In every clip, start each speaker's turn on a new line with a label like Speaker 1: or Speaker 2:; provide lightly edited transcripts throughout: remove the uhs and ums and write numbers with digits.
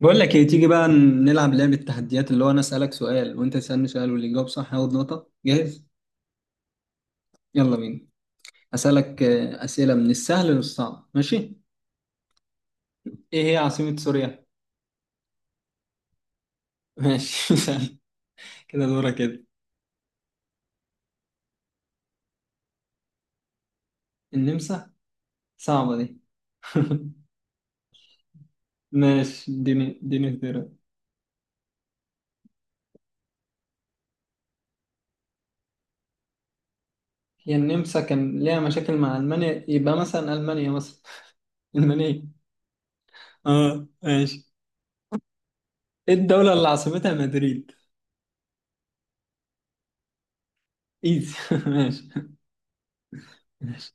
Speaker 1: بقول لك ايه تيجي بقى نلعب لعبة تحديات اللي هو انا اسألك سؤال وانت تسألني سؤال واللي يجاوب صح ياخد نقطة. جاهز؟ يلا بينا. اسألك أسئلة من السهل للصعب، ماشي؟ ايه هي عاصمة سوريا؟ ماشي سهل. كده دورة كده. النمسا، صعبة دي ماشي، اديني اختيارات. هي النمسا كان ليها مشاكل مع المانيا، يبقى مثلا المانيا مثلا المانيا. اه ماشي. ايه الدولة اللي عاصمتها مدريد؟ ايزي ماشي. ماشي.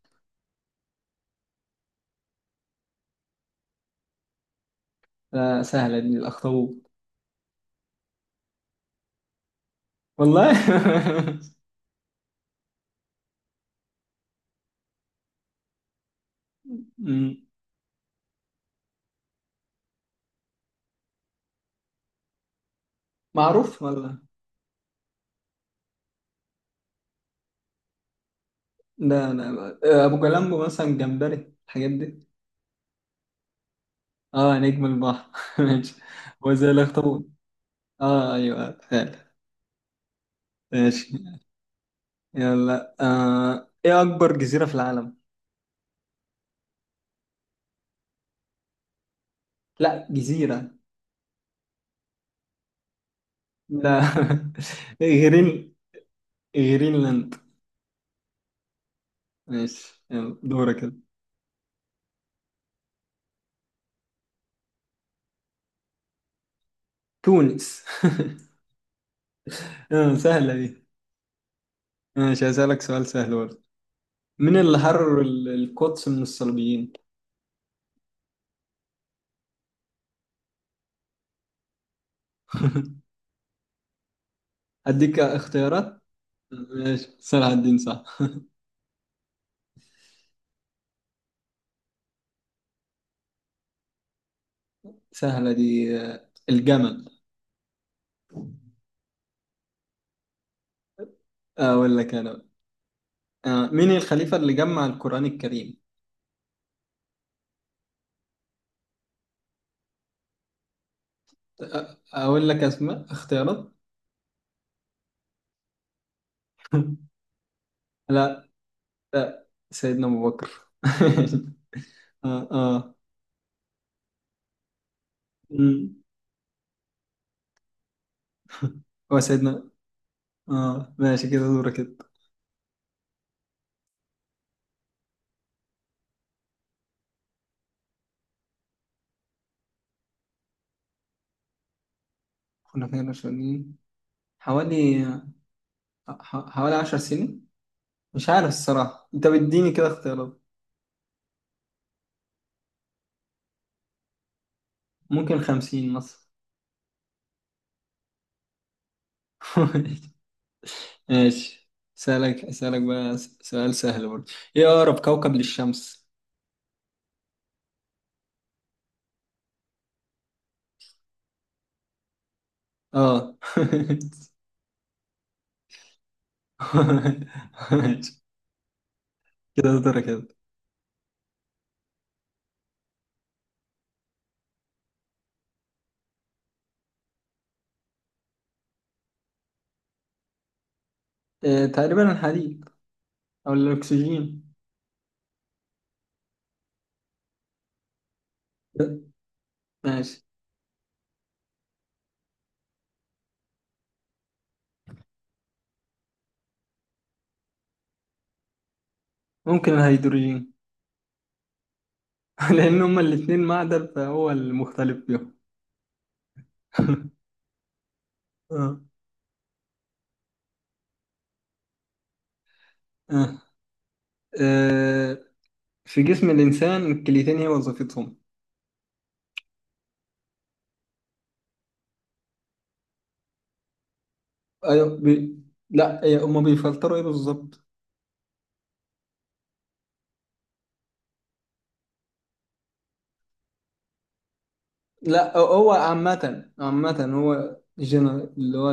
Speaker 1: سهلة دي، الأخطبوط. والله أمم. معروف والله. لا ابو جلامبو مثلا، جمبري، الحاجات دي. اه نجم البحر ماشي. هو زي الاخطبوط. اه ايوه فعلا. ماشي. يلا ايه اكبر جزيرة في العالم؟ لا جزيرة. لا غرين غرينلاند. ماشي، يلا دورك كده. تونس. آه سهلة دي. ماشي، هسألك سؤال سهل برضه. مين اللي حرر القدس من الصليبيين؟ أديك اختيارات. ماشي، صلاح الدين صح. سهلة دي، الجمل. أقول لك أنا بقى. مين الخليفة اللي جمع القرآن الكريم؟ أقول لك أسماء اختيارات. لا. لا، سيدنا أبو بكر. آه آه. مم. وسيدنا آه ماشي، كده دورك كده. كنا فين رشيدين. حوالي حوالي عشر سنين. مش عارف الصراحة، أنت بتديني كده اختيارات. ممكن خمسين مثلا. ماشي، أسألك بقى سؤال سهل برضه. إيه أقرب كوكب للشمس؟ آه ماشي، كده درجة كده. إيه تقريبا الحديد أو الأكسجين. ماشي، ممكن الهيدروجين. لأن هما الاتنين معدن فهو المختلف فيهم. آه. آه. آه. في جسم الإنسان الكليتين هي وظيفتهم. أيوة بي... لا إيه، هما بيفلتروا إيه بالظبط؟ لا هو عامة، عامة هو جنرال اللي هو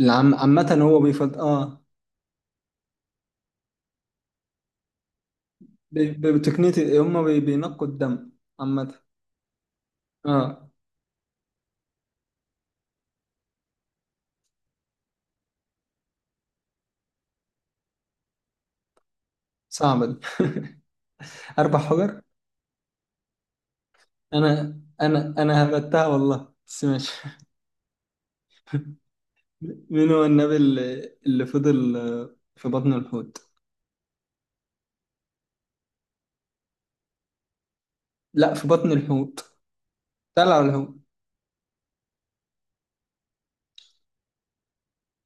Speaker 1: العم عامة هو بيفض اه. بتقنية هم بينقوا الدم عامة. اه، صعبة دي أربع حجر. أنا هبتها والله، بس ماشي مين هو النبي اللي فضل في بطن الحوت؟ لا، في بطن الحوت. طلع الحوت.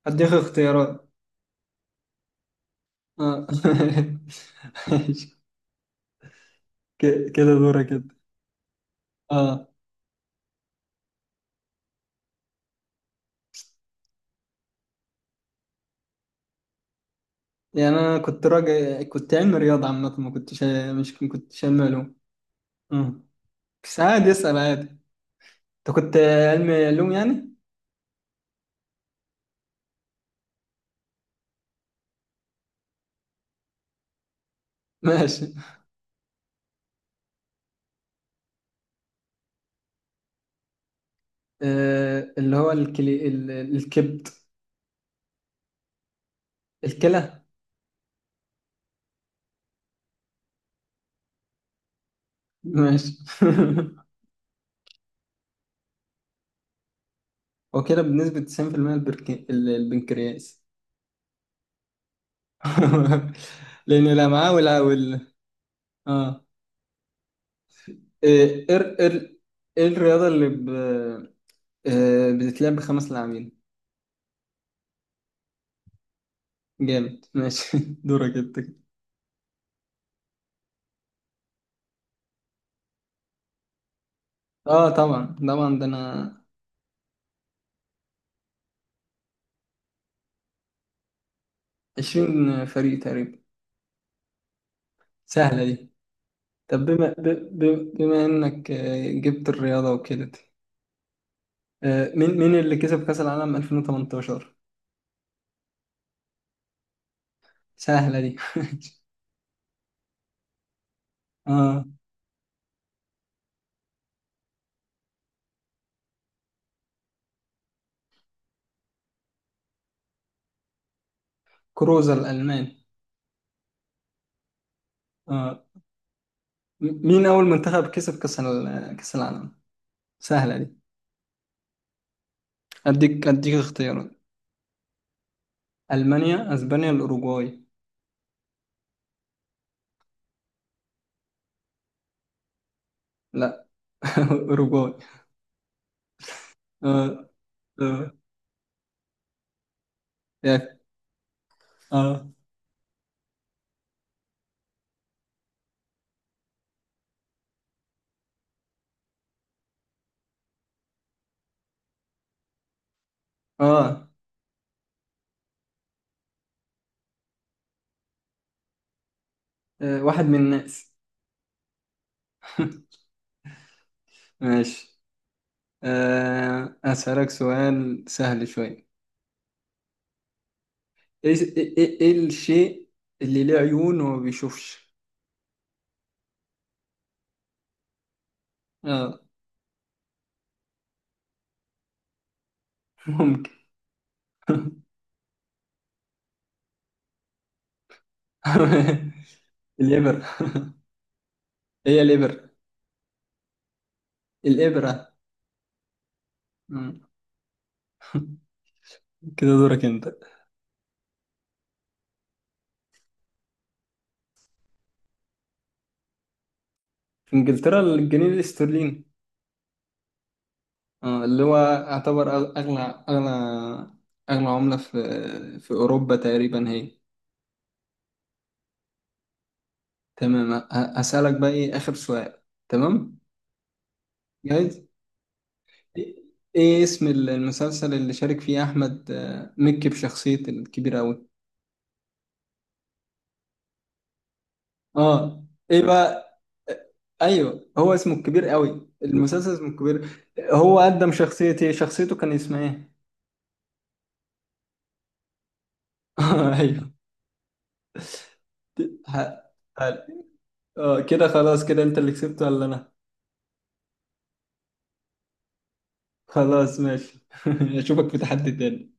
Speaker 1: هديك اختيارات. اه ماشي. كده دورك كده. اه يعني أنا كنت راجع كنت علمي رياضة عامة، ما كنتش مش ما كنتش علمي علوم. اه، بس عادي اسأل عادي. انت كنت علم علوم يعني. ماشي، آه، اللي هو الكلي... ال- الكبد. الكلى. ماشي هو كده بنسبة 90%، البنكرياس. لأن الأمعاء وال اه آه. إيه إر... إر... إيه الرياضة اللي ب... آه، بتتلعب بخمس لاعبين؟ جامد ماشي دورك انت. اه طبعا طبعا، ده انا. 20 فريق تقريبا. سهلة دي. طب بما انك جبت الرياضة وكده، مين اللي كسب كأس العالم 2018؟ سهلة دي اه، كروزا الألماني. اه، مين أول منتخب كسب كأس العالم؟ سهلة دي. اديك اختيارات. ألمانيا، اسبانيا، الأوروغواي. لا أوروغواي. اه اه ياك. اه اه. واحد من الناس. ماشي، أسألك سؤال سهل شوي. ايه ايه ايه إيه الشيء اللي له عيون وما بيشوفش؟ اه ممكن. الإبرة. هي الإبرة. الإبرة. مم. كده دورك انت. في انجلترا، الجنيه الاسترليني. اه اللي هو يعتبر اغلى عملة في في اوروبا تقريبا هي. تمام، هسألك بقى ايه اخر سؤال. تمام، جايز. ايه إيه اسم المسلسل اللي شارك فيه احمد مكي بشخصية الكبير أوي؟ اه ايه بقى، ايوه هو اسمه الكبير قوي، المسلسل اسمه الكبير. هو قدم شخصية ايه؟ شخصيته كان اسمها ايه؟ ايوه. ه- ه- اه كده خلاص، كده انت اللي كسبت ولا انا؟ خلاص ماشي اشوفك في تحدي تاني.